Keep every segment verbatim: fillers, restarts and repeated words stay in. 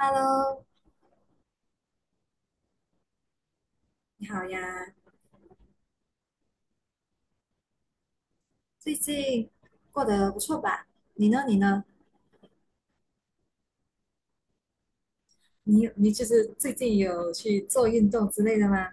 Hello,你好呀，最近过得不错吧？你呢？你呢？你你就是最近有去做运动之类的吗？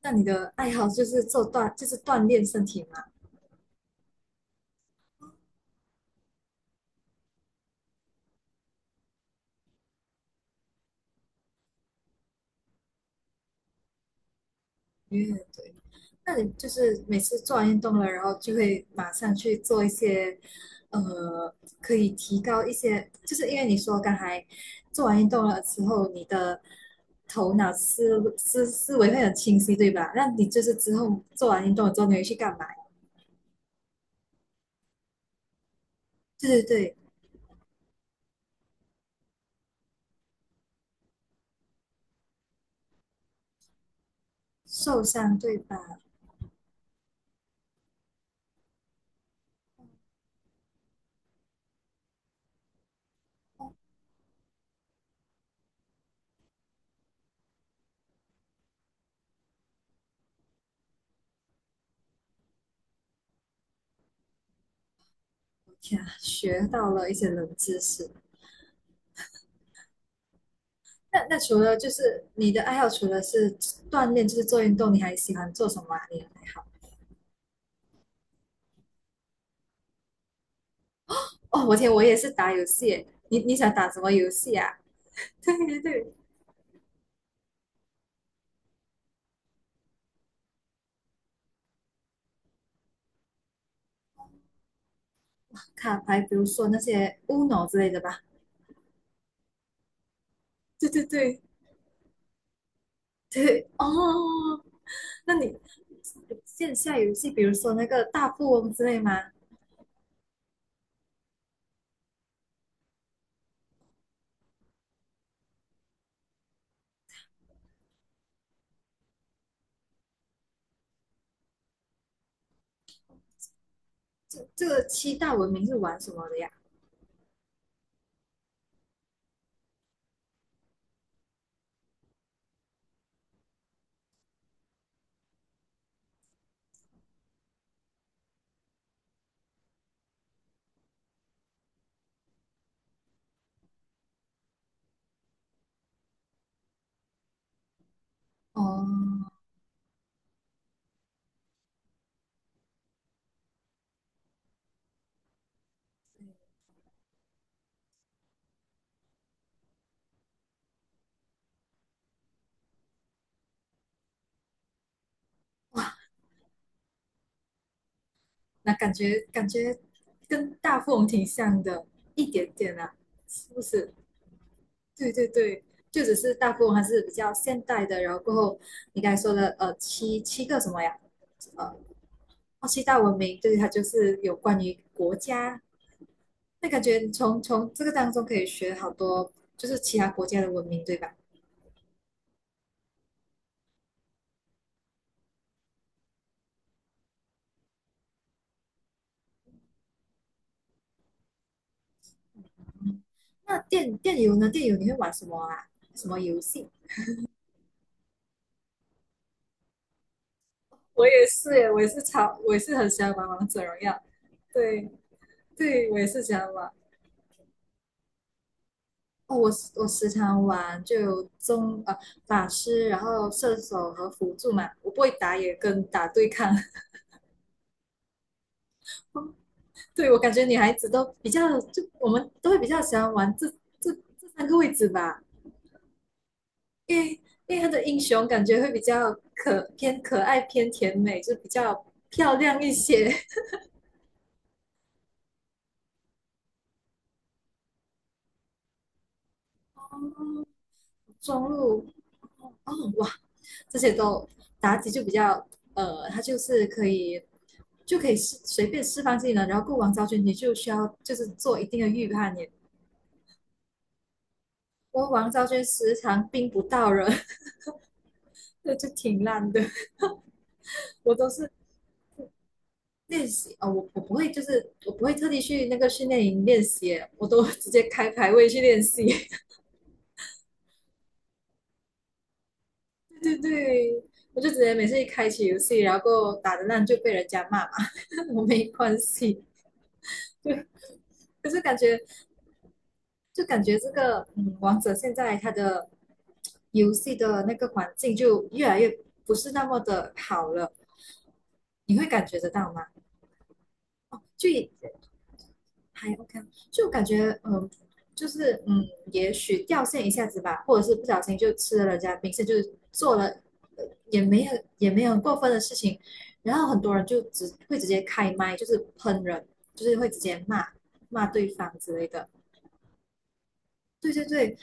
那你的爱好就是做锻，就是锻炼身体嘛？因为对，那你就是每次做完运动了，然后就会马上去做一些，呃，可以提高一些，就是因为你说刚才做完运动了之后，你的头脑思思思维会很清晰，对吧？那你就是之后做完运动之后，你会去干嘛？对对对，受伤对吧？我天啊，学到了一些冷知识。那那除了就是你的爱好，除了是锻炼，就是做运动，你还喜欢做什么啊？你的爱好？哦，我天，我也是打游戏耶。你你想打什么游戏啊？对对对，卡牌，比如说那些 Uno 之类的吧。对对对对，哦，那你线下游戏，比如说那个大富翁之类吗？这这个七大文明是玩什么的呀？哦，那感觉感觉跟大富翁挺像的，一点点啊，是不是？对对对，就只是大富翁还是比较现代的，然后过后你刚才说的呃七七个什么呀？呃，哦七大文明，对，它就是有关于国家，那感觉从从这个当中可以学好多，就是其他国家的文明，对吧？那电电游呢？电游你会玩什么啊？什么游戏？我也是耶，我也是超，我也是很喜欢玩王者荣耀。对，对，我也是喜欢玩。哦，我时我时常玩，就有中，呃法师，然后射手和辅助嘛。我不会打野跟打对抗，对我感觉女孩子都比较，就我们都会比较喜欢玩这这这三个位置吧，因为因为他的英雄感觉会比较可偏可爱偏甜美，就比较漂亮一些。中路哦哇，这些都妲己就比较呃，她就是可以就可以释随便释放技能。然后过王昭君，你就需要就是做一定的预判耶。我王昭君时常冰不到人，那就挺烂的。我都是练习啊，我我不会就是我不会特地去那个训练营练习，我都直接开排位去练习。对对对，我就直接每次一开启游戏，然后打的烂就被人家骂嘛，我没关系。可是感觉就感觉这个嗯，王者现在它的游戏的那个环境就越来越不是那么的好了，你会感觉得到吗？哦，就也还 OK,啊就感觉嗯、呃就是嗯，也许掉线一下子吧，或者是不小心就吃了人家冰，是就是做了呃也没有也没有很过分的事情，然后很多人就直会直接开麦，就是喷人，就是会直接骂骂对方之类的。对对对，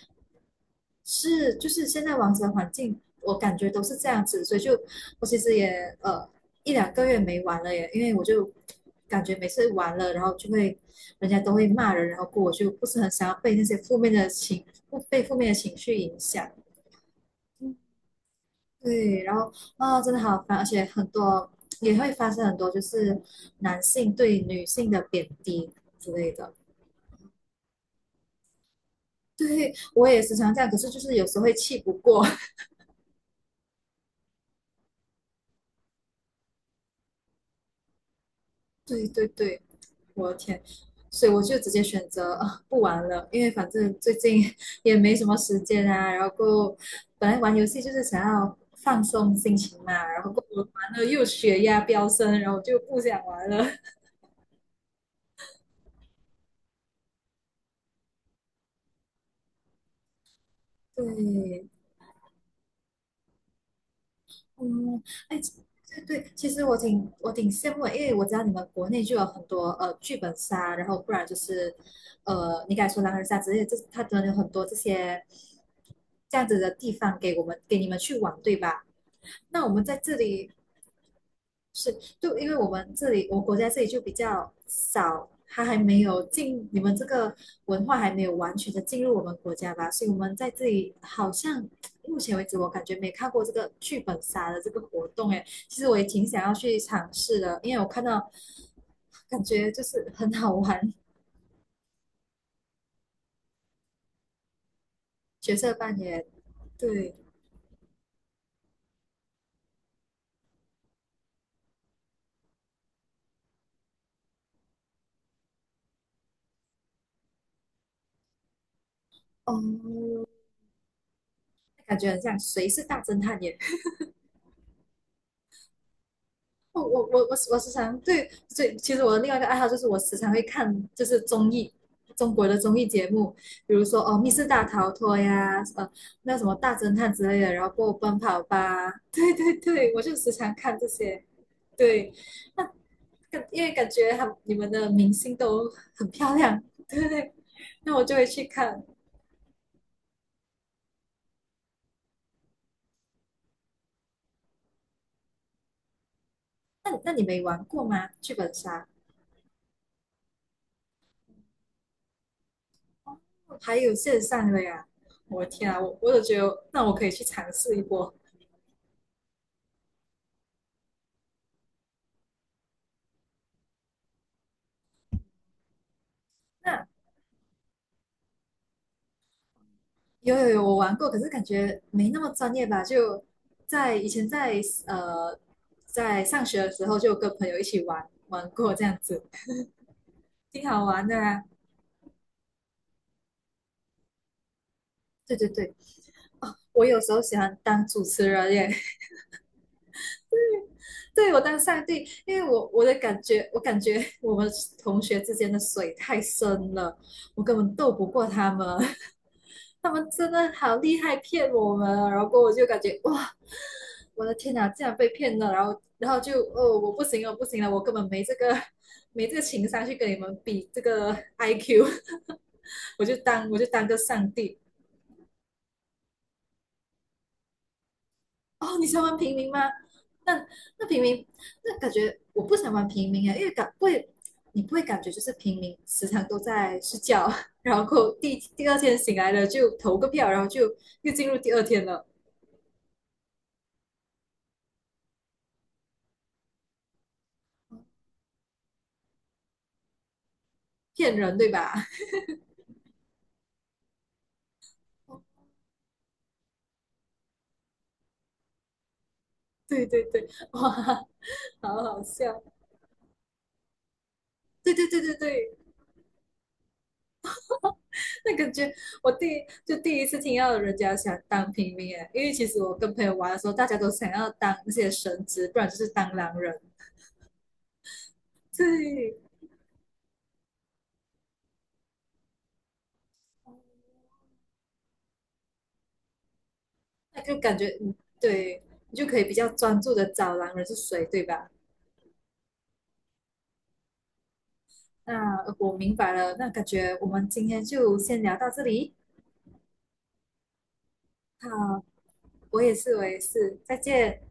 是，就是现在网球环境，我感觉都是这样子，所以就我其实也呃一两个月没玩了耶，因为我就感觉每次玩了，然后就会人家都会骂人，然后过我就不是很想要被那些负面的情不被负面的情绪影响。对，然后啊、真的好烦，而且很多也会发生很多就是男性对女性的贬低之类的。对，我也时常这样，可是就是有时候会气不过。对对对。我的天！所以我就直接选择、啊不玩了，因为反正最近也没什么时间啊。然后本来玩游戏就是想要放松心情嘛，然后玩了又血压飙升，然后就不想玩了。对，嗯，哎，对对，其实我挺我挺羡慕的因为我知道你们国内就有很多呃剧本杀，然后不然就是呃你敢说狼人杀之类的，这它真的有很多这些这样子的地方给我们给你们去玩，对吧？那我们在这里是，就因为我们这里，我国家这里就比较少，它还没有进，你们这个文化还没有完全的进入我们国家吧，所以我们在这里好像目前为止，我感觉没看过这个剧本杀的这个活动，哎，其实我也挺想要去尝试的，因为我看到感觉就是很好玩，角色扮演，对，哦，感觉很像谁是大侦探也我我我我我时常对，所以其实我的另外一个爱好就是我时常会看就是综艺，中国的综艺节目，比如说哦《密室大逃脱》呀，呃那什么大侦探之类的，然后过后奔跑吧，对 对，我就时常看这些。对，那感因为感觉他你们的明星都很漂亮，对对对，那我就会去看。那那你没玩过吗？剧本杀还有线上的呀？我的天啊，我我都觉得那我可以去尝试一波。那有有有，我玩过，可是感觉没那么专业吧？就在以前在呃在上学的时候，就跟朋友一起玩玩过这样子，挺好玩的啊。对对对，哦，我有时候喜欢当主持人耶，对我当上帝，因为我我的感觉，我感觉我们同学之间的水太深了，我根本斗不过他们，他们真的好厉害，骗我们啊，然后我就感觉哇。我的天哪，竟然被骗了，然后然后就哦，我不行了，不行了，我根本没这个没这个情商去跟你们比这个 I Q,我就当我就当个上帝哦，你喜欢玩平民吗？那那平民，那感觉我不想玩平民啊，因为感不会，你不会感觉就是平民时常都在睡觉，然后第第二天醒来了就投个票，然后就又进入第二天了，骗人对吧？对对对，哇，好好笑，对对对对对。那感觉我第就第一次听到人家想当平民哎，因为其实我跟朋友玩的时候，大家都想要当那些神职，不然就是当狼人。对，那就感觉嗯，对你就可以比较专注的找狼人是谁，对吧？那我明白了，那感觉我们今天就先聊到这里。好，我也是，我也是，再见。